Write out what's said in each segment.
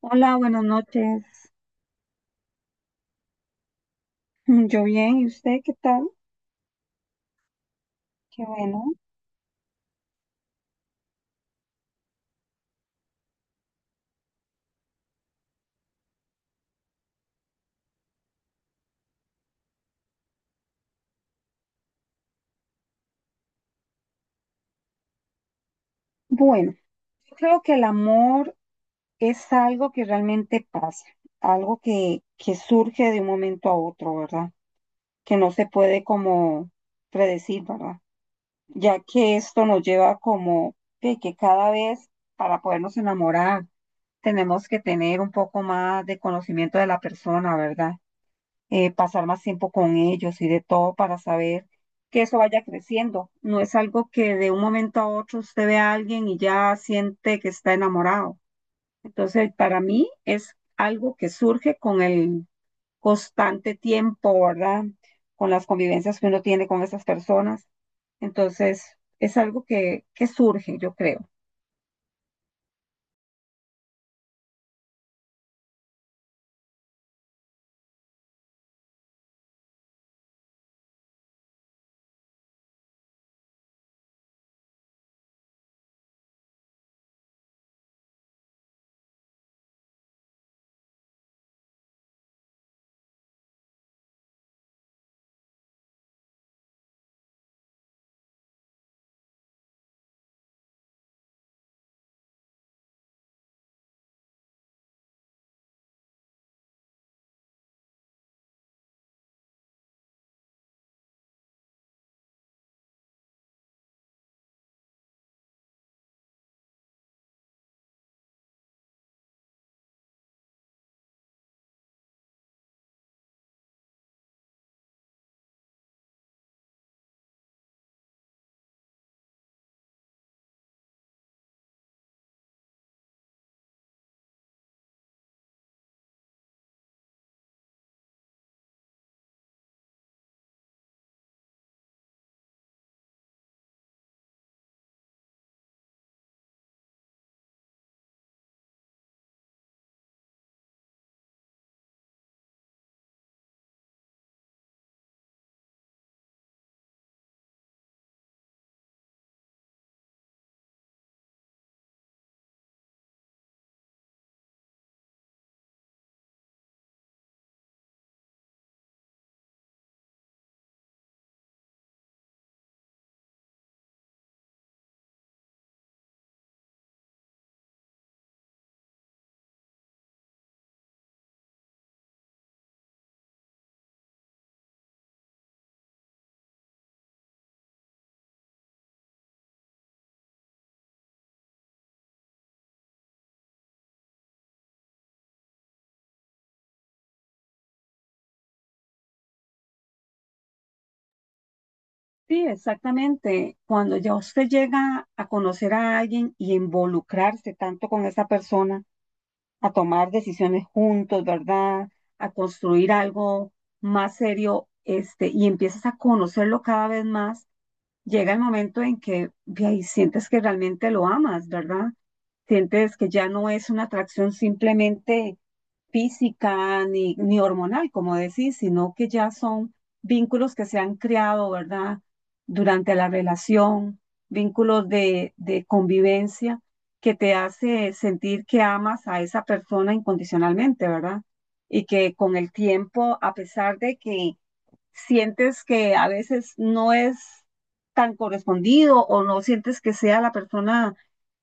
Hola, buenas noches. Yo bien, ¿y usted qué tal? Qué bueno. Bueno, yo creo que el amor es algo que realmente pasa, algo que surge de un momento a otro, ¿verdad? Que no se puede como predecir, ¿verdad? Ya que esto nos lleva como que cada vez para podernos enamorar tenemos que tener un poco más de conocimiento de la persona, ¿verdad? Pasar más tiempo con ellos y de todo para saber que eso vaya creciendo. No es algo que de un momento a otro usted ve a alguien y ya siente que está enamorado. Entonces, para mí es algo que surge con el constante tiempo, ¿verdad? Con las convivencias que uno tiene con esas personas. Entonces, es algo que surge, yo creo. Sí, exactamente. Cuando ya usted llega a conocer a alguien y involucrarse tanto con esa persona, a tomar decisiones juntos, ¿verdad? A construir algo más serio, este, y empiezas a conocerlo cada vez más llega el momento en que ve ahí, sientes que realmente lo amas, ¿verdad? Sientes que ya no es una atracción simplemente física ni hormonal, como decís, sino que ya son vínculos que se han creado, ¿verdad? Durante la relación, vínculos de convivencia que te hace sentir que amas a esa persona incondicionalmente, ¿verdad? Y que con el tiempo, a pesar de que sientes que a veces no es tan correspondido o no sientes que sea la persona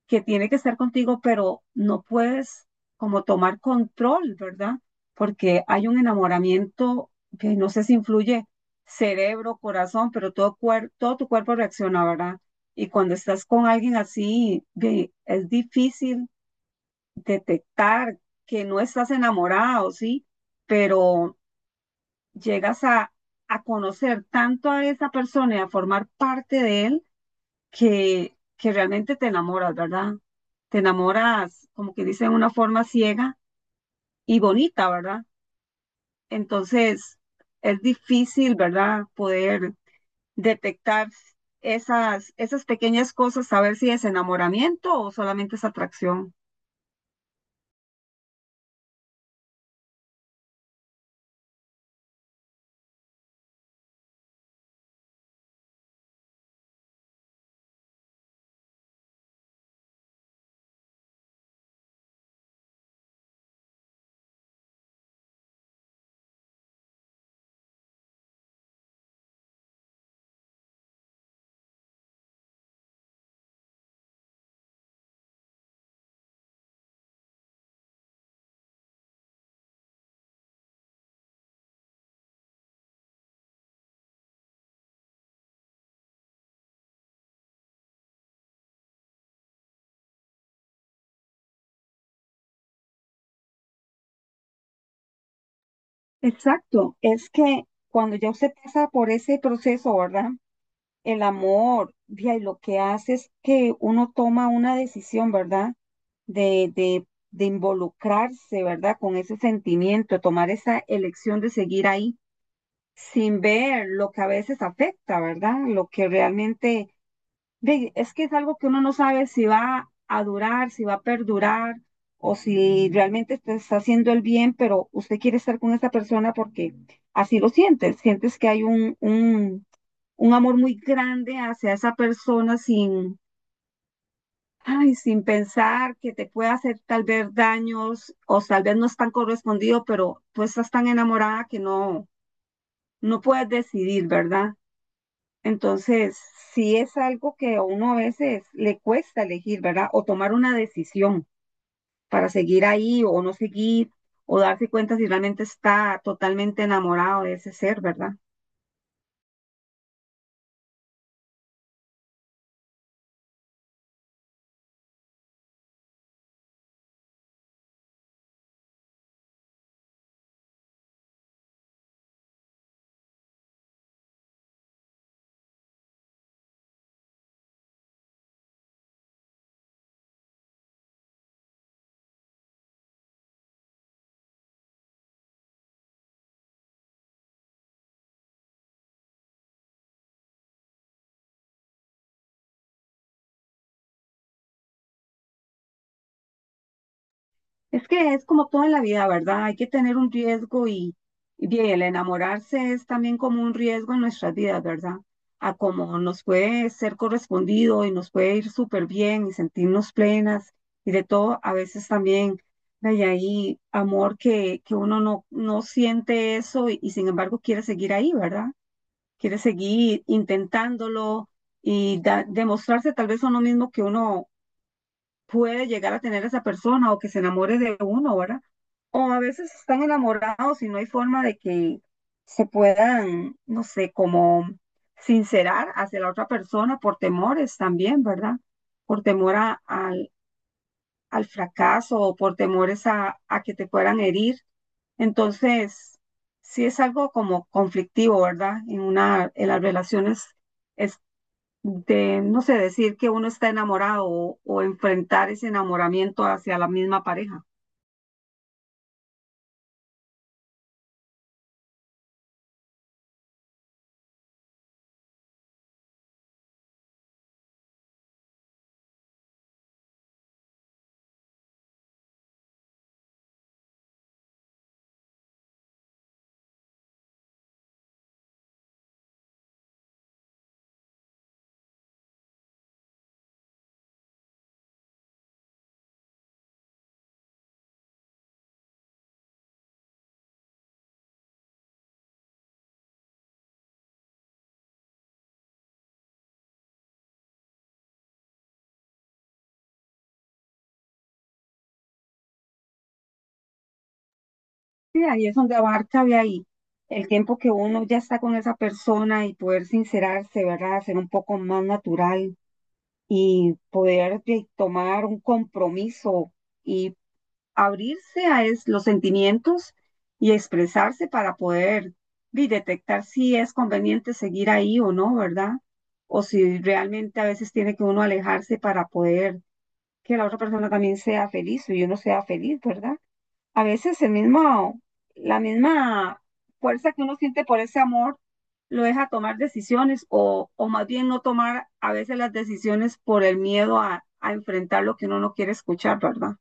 que tiene que estar contigo, pero no puedes como tomar control, ¿verdad? Porque hay un enamoramiento que no sé si influye cerebro, corazón, pero todo, todo tu cuerpo reacciona, ¿verdad? Y cuando estás con alguien así, ve, es difícil detectar que no estás enamorado, ¿sí? Pero llegas a conocer tanto a esa persona y a formar parte de él que realmente te enamoras, ¿verdad? Te enamoras, como que dicen, de una forma ciega y bonita, ¿verdad? Entonces, es difícil, ¿verdad? Poder detectar esas pequeñas cosas, saber si es enamoramiento o solamente es atracción. Exacto, es que cuando ya usted pasa por ese proceso, ¿verdad? El amor, vía, y lo que hace es que uno toma una decisión, ¿verdad? De, de, de involucrarse, ¿verdad? Con ese sentimiento, tomar esa elección de seguir ahí, sin ver lo que a veces afecta, ¿verdad? Lo que realmente, ve, es que es algo que uno no sabe si va a durar, si va a perdurar, o si realmente te está haciendo el bien, pero usted quiere estar con esa persona porque así lo sientes, sientes que hay un amor muy grande hacia esa persona sin, ay, sin pensar que te puede hacer tal vez daños o tal vez no es tan correspondido, pero tú estás tan enamorada que no, no puedes decidir, ¿verdad? Entonces, sí es algo que a uno a veces le cuesta elegir, ¿verdad? O tomar una decisión para seguir ahí o no seguir, o darse cuenta si realmente está totalmente enamorado de ese ser, ¿verdad? Es que es como todo en la vida, ¿verdad? Hay que tener un riesgo y bien, el enamorarse es también como un riesgo en nuestras vidas, ¿verdad? A como nos puede ser correspondido y nos puede ir súper bien y sentirnos plenas y de todo, a veces también hay ahí amor que uno no siente eso y sin embargo quiere seguir ahí, ¿verdad? Quiere seguir intentándolo y demostrarse tal vez a uno mismo que uno puede llegar a tener esa persona o que se enamore de uno, ¿verdad? O a veces están enamorados y no hay forma de que se puedan, no sé, como sincerar hacia la otra persona por temores también, ¿verdad? Por temor al, al fracaso o por temores a que te puedan herir. Entonces, sí es algo como conflictivo, ¿verdad? En una, en las relaciones de, no sé, decir que uno está enamorado o enfrentar ese enamoramiento hacia la misma pareja. Sí, ahí es donde abarca de ahí el tiempo que uno ya está con esa persona y poder sincerarse, ¿verdad? Ser un poco más natural y poder de, tomar un compromiso y abrirse a los sentimientos y expresarse para poder de, detectar si es conveniente seguir ahí o no, ¿verdad? O si realmente a veces tiene que uno alejarse para poder que la otra persona también sea feliz o yo no sea feliz, ¿verdad? A veces el mismo, la misma fuerza que uno siente por ese amor lo deja tomar decisiones o más bien no tomar a veces las decisiones por el miedo a enfrentar lo que uno no quiere escuchar, ¿verdad?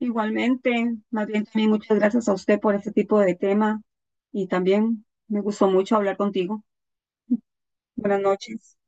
Igualmente, más bien también muchas gracias a usted por este tipo de tema y también me gustó mucho hablar contigo. Buenas noches.